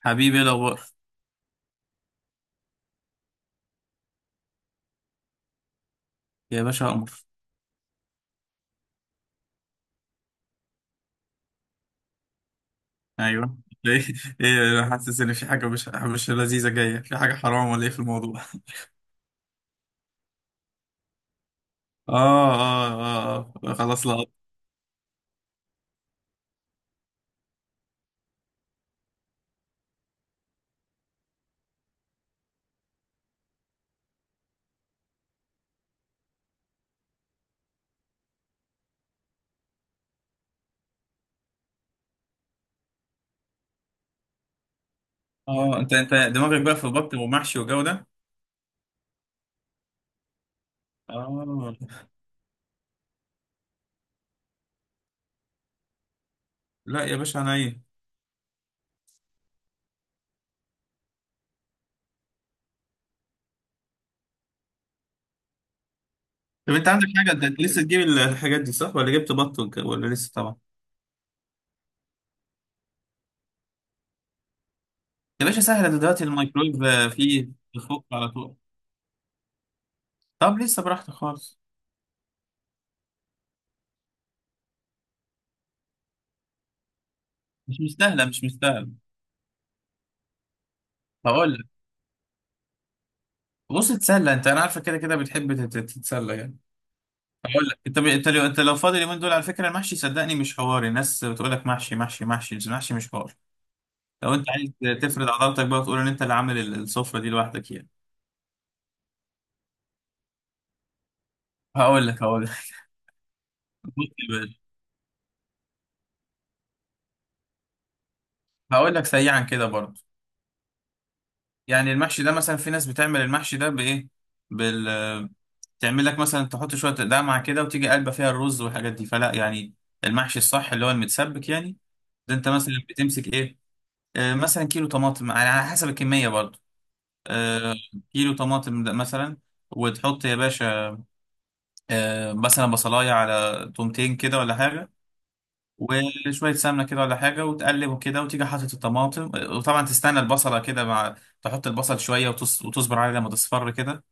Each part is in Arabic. حبيبي ايه الاخبار؟ يا باشا قمر. ايوه، ايه ايه؟ انا حاسس ان في حاجه مش لذيذه جايه، في حاجه حرام ولا ايه في الموضوع؟ اه خلاص لا. اه، انت دماغك بقى في بط ومحشي وجو ده. اه لا يا باشا، انا ايه؟ طب انت عندك حاجه، انت لسه تجيب الحاجات دي صح ولا جبت بط ولا لسه؟ طبعا يا باشا سهله، ده دلوقتي الميكرويف فيه، بيفك على طول. طب لسه براحتك خالص. مش مستاهله. هقول لك، بص اتسلى انت، انا عارفه كده كده بتحب تتسلى يعني. اقول لك، انت لو فاضي اليومين دول، على فكره المحشي صدقني مش حوار، الناس بتقول لك محشي محشي محشي بس المحشي مش حوار. لو انت عايز تفرد عضلاتك بقى وتقول ان انت اللي عامل السفره دي لوحدك يعني. هقول لك. بص يا باشا، هقول لك سريعا كده برضه. يعني المحشي ده مثلا، في ناس بتعمل المحشي ده بايه؟ بال، تعمل لك مثلا تحط شويه دمعه كده وتيجي قلبه فيها الرز والحاجات دي، فلا يعني. المحشي الصح اللي هو المتسبك يعني. ده انت مثلا بتمسك ايه؟ مثلا كيلو طماطم على على حسب الكميه برضه. آه، كيلو طماطم ده مثلا، وتحط يا باشا مثلا بصلاية على تومتين كده ولا حاجة، وشوية سمنة كده ولا حاجة، وتقلب كده وتيجي حاطط الطماطم. وطبعا تستنى البصلة كده، مع، تحط البصل شوية وتصبر عليه لما تصفر كده.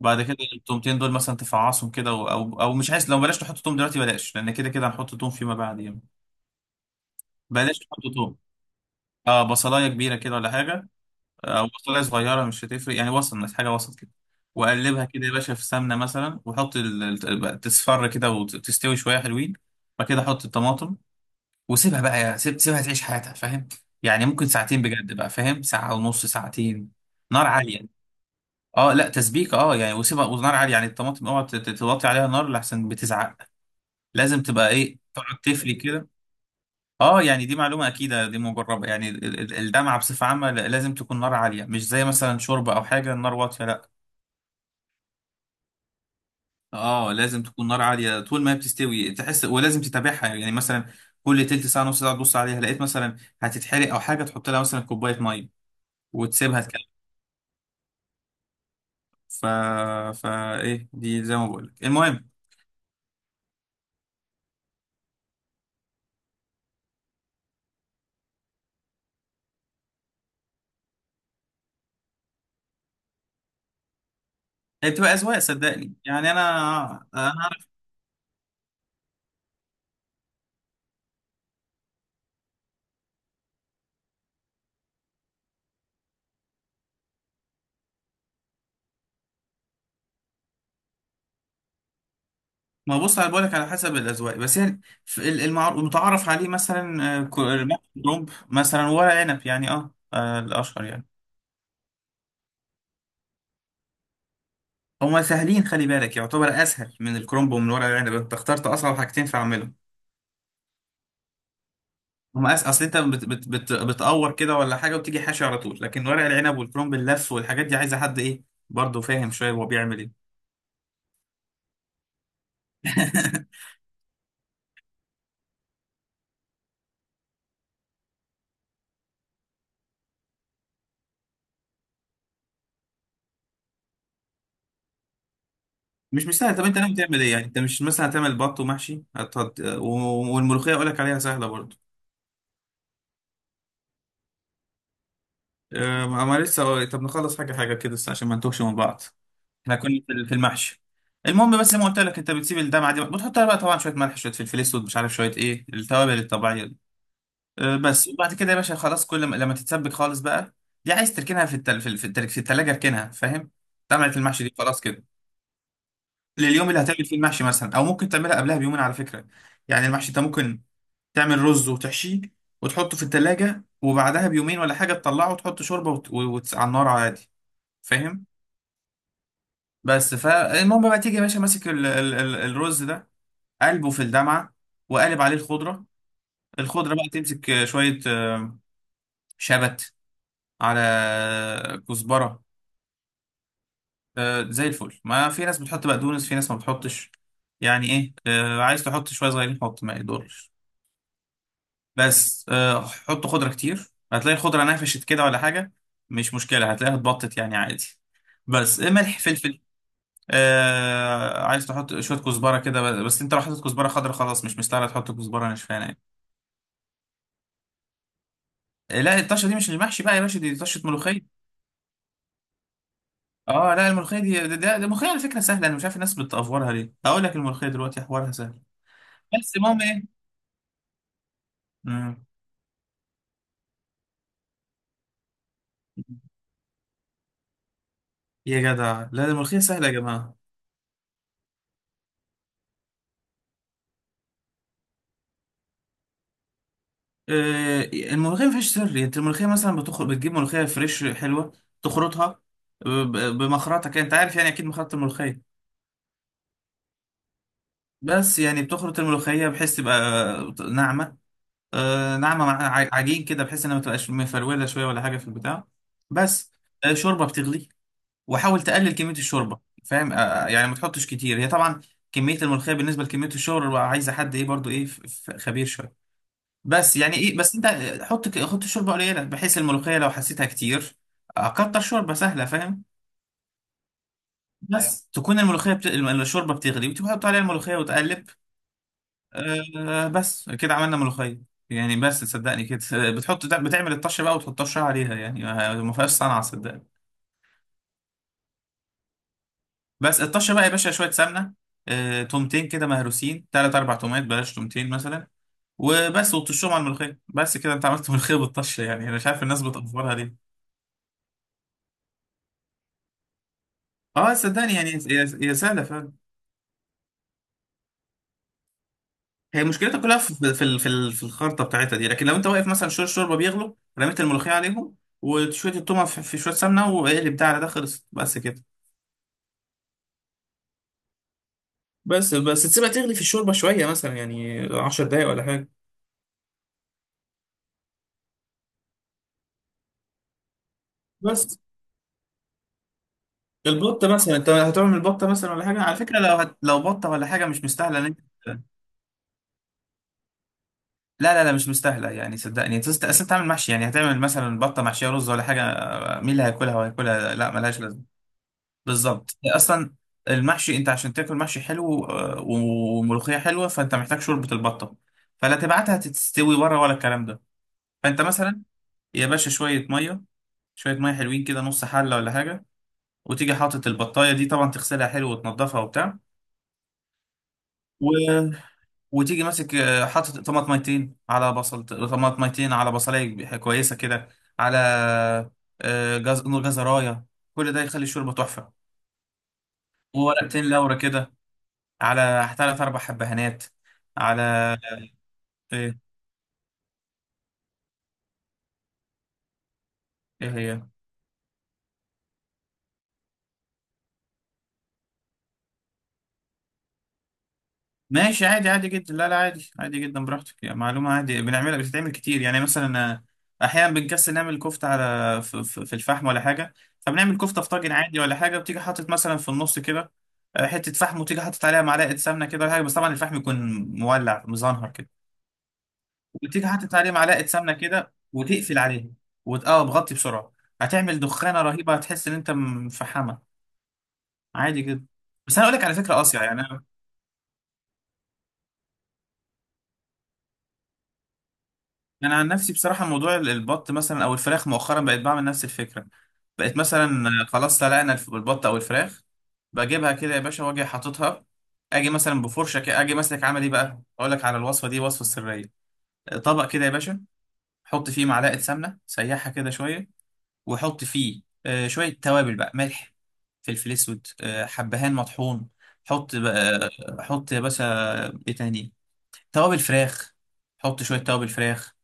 بعد كده التومتين دول مثلا تفعصهم كده أو مش عايز، لو بلاش تحط توم دلوقتي بلاش، لأن كده كده هنحط توم فيما بعد يعني. بلاش تحط توم. اه بصلاية كبيرة كده ولا حاجة، او بصلايه صغيره مش هتفرق يعني، وسط، بس حاجه وسط كده. واقلبها كده يا باشا في سمنه مثلا، وحط تصفر كده وتستوي شويه حلوين. بعد كده حط الطماطم وسيبها بقى، يا سيبها تعيش حياتها، فاهم؟ يعني ممكن ساعتين بجد بقى، فاهم؟ ساعه ونص، ساعتين. نار عاليه. اه لا تسبيك، اه يعني وسيبها ونار عاليه يعني، الطماطم اوعى توطي عليها نار لحسن بتزعق. لازم تبقى ايه، تقعد تفلي كده. اه يعني دي معلومة أكيدة، دي مجربة يعني. الدمعة بصفة عامة لازم تكون نار عالية، مش زي مثلا شوربة أو حاجة النار واطية، لا. اه لازم تكون نار عالية طول ما هي بتستوي تحس، ولازم تتابعها يعني. مثلا كل تلت ساعة نص ساعة تبص عليها، لقيت مثلا هتتحرق أو حاجة، تحط لها مثلا كوباية مية وتسيبها تكمل. ف... فا إيه دي، زي ما بقول لك المهم. هي بتبقى أذواق صدقني يعني. أنا أنا ما بص انا بقولك على حسب الاذواق، بس يعني في المتعارف عليه مثلا كرنب مثلا، ورق عنب، يعني اه، الاشهر يعني. هما سهلين، خلي بالك، يعتبر اسهل من الكرنب ومن ورق العنب، انت اخترت اصعب حاجتين، فاعملهم. هما اصل انت بتقور كده ولا حاجه وتيجي حاشي على طول، لكن ورق العنب والكرنب اللف والحاجات دي عايزه حد ايه، برضه فاهم شويه هو بيعمل ايه. مش سهل. طب انت ناوي تعمل ايه يعني؟ انت مش مثلا هتعمل بط ومحشي والملوخيه اقول لك عليها سهله برضه. ما لسه، طب نخلص حاجة حاجة كده بس عشان ما نتوهش من بعض. احنا كنا في المحشي. المهم، بس زي ما قلت لك، انت بتسيب الدمعة دي بتحط لها بقى طبعا شوية ملح، شوية فلفل اسود، مش عارف شوية ايه التوابل الطبيعية دي. بس. وبعد كده يا باشا خلاص، كل ما، لما تتسبك خالص بقى، دي عايز تركنها في التلاجة، اركنها فاهم. دمعة المحشي دي خلاص كده لليوم اللي هتعمل فيه المحشي مثلا، او ممكن تعملها قبلها بيومين على فكرة. يعني المحشي انت ممكن تعمل رز وتحشيه وتحطه في التلاجة، وبعدها بيومين ولا حاجة تطلعه وتحط شوربة على النار عادي، فاهم. بس فالمهم بقى، تيجي يا باشا ماسك ال ال ال الرز ده، قلبه في الدمعه وقالب عليه الخضره. الخضره بقى تمسك شويه شبت، على كزبره، زي الفل. ما في ناس بتحط بقدونس، في ناس ما بتحطش، يعني ايه، عايز تحط شويه صغيرين حط ما يضرش، بس حط خضره كتير هتلاقي الخضره نفشت كده ولا حاجه، مش مشكله هتلاقيها اتبطت يعني، عادي. بس ملح فلفل. آه عايز تحط شويه كزبره كده، بس انت لو حطيت كزبره خضراء خلاص مش مستاهله تحط كزبره ناشفه يعني. لا الطشه دي مش المحشي بقى يا باشا، دي طشه ملوخيه. اه لا الملوخيه دي، ده الملوخيه على فكره سهله، انا مش عارف الناس بتأفورها ليه. هقول لك الملوخيه دلوقتي حوارها سهل، بس المهم ايه. مم. يا جدع لا، ده الملوخيه سهله يا جماعه. آه الملوخيه ما فيهاش سر يعني، انت الملوخيه مثلا بتخرج بتجيب ملوخيه فريش حلوه، تخرطها بمخرطه كده، انت عارف يعني اكيد مخرطه الملوخيه. بس يعني بتخرط الملوخيه بحيث تبقى ناعمه، آه ناعمة مع عجين كده، بحيث انها ما تبقاش مفرولة شوية ولا حاجة في البتاع، بس. آه شوربة بتغلي، وحاول تقلل كمية الشوربة، فاهم. يعني ما تحطش كتير، هي طبعا كمية الملوخية بالنسبة لكمية الشوربة عايزة حد ايه برضو، ايه خبير شوية. بس يعني ايه، بس انت حط حط الشوربة قليلة، بحيث الملوخية لو حسيتها كتير كتر شوربة سهلة، فاهم. بس تكون الملوخية الشوربة بتغلي وتحط عليها الملوخية وتقلب. آه بس كده عملنا ملوخية. يعني بس صدقني كده، بتحط بتعمل الطشة بقى وتحط طشة عليها، يعني ما فيهاش صنعة صدقني. بس الطشة بقى يا باشا شوية سمنة، آه تومتين كده مهروسين، تلات أربع تومات، بلاش، تومتين مثلا، وبس وتطشهم على الملوخية بس كده. أنت عملت ملوخية بالطشة، يعني أنا مش عارف الناس بتأفورها ليه. أه صدقني يعني، هي سهلة فعلا. هي مشكلتها كلها في الخلطة بتاعتها دي، لكن لو أنت واقف مثلا شوية الشوربة بيغلوا، رميت الملوخية عليهم وشوية التومة في شوية سمنة، واقلب ده على ده، خلصت بس كده. بس تسيبها تغلي في الشوربه شويه، مثلا يعني 10 دقايق ولا حاجه، بس. البطه مثلا انت هتعمل بطه مثلا ولا حاجه، على فكره لو لو بطه ولا حاجه، مش مستاهله ان انت، لا مش مستاهله يعني صدقني، اصل انت عامل محشي يعني، هتعمل مثلا بطه محشيه رز ولا حاجه، مين اللي هياكلها وهياكلها، لا ملهاش لازمه. بالظبط. اصلا المحشي انت عشان تاكل محشي حلو وملوخيه حلوه، فانت محتاج شوربه البطه، فلا تبعتها تستوي بره ولا الكلام ده. فانت مثلا يا باشا، شويه ميه، شويه ميه حلوين كده، نص حله ولا حاجه، وتيجي حاطط البطايه دي طبعا، تغسلها حلو وتنضفها وبتاع، و... وتيجي ماسك حاطط طماطميتين على بصل، طماطميتين على بصلايه كويسه كده، على جزرايه، كل ده يخلي الشوربه تحفه، وورقتين لورا كده، على ثلاث اربع حبهانات، على، ايه، ايه هي. ماشي عادي، عادي جدا، لا لا عادي عادي جدا، براحتك يعني، معلومة عادي بنعملها، بتتعمل كتير يعني. مثلا أحيانا بنكسل نعمل كفتة على في الفحم ولا حاجة، فبنعمل كفتة في طاجن عادي ولا حاجة، بتيجي حاطط مثلا في النص كده حتة فحم، وتيجي حاطط عليها معلقة سمنة كده ولا حاجة، بس طبعا الفحم يكون مولع مزنهر كده، وتيجي حاطط عليه معلقة سمنة كده وتقفل عليه. اه بغطي بسرعة، هتعمل دخانة رهيبة، هتحس إن أنت مفحمة. عادي جدا، بس أنا أقول لك على فكرة قاسية يعني. انا عن نفسي بصراحه موضوع البط مثلا او الفراخ، مؤخرا بقيت بعمل نفس الفكره. بقيت مثلا خلاص سلقنا البط او الفراخ، بجيبها كده يا باشا واجي حاططها، اجي مثلا بفرشه كده، اجي ماسك عامل ايه بقى، اقول لك على الوصفه دي، وصفه سريه. طبق كده يا باشا، حط فيه معلقه سمنه سيحها كده شويه، وحط فيه شويه توابل بقى، ملح فلفل اسود حبهان مطحون، حط بقى، حط يا باشا، ايه تاني، توابل فراخ، حط شويه توابل فراخ.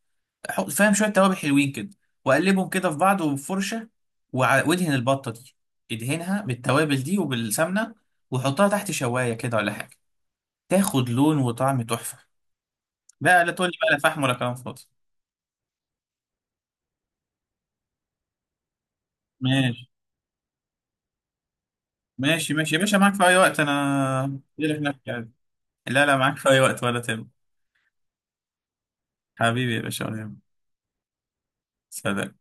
فاهم، شويه توابل حلوين كده، واقلبهم كده في بعض، وبفرشه، وادهن البطه دي، ادهنها بالتوابل دي وبالسمنه، وحطها تحت شوايه كده ولا حاجه، تاخد لون وطعم تحفه بقى، لا تقول لي بقى لا فحم ولا كلام فاضي. ماشي. ماشي يا باشا، معاك في اي وقت، انا لك نفسي عادي. لا لا معاك في اي وقت ولا تهم. حبيبي يا باشا ولا يهمك. سلام.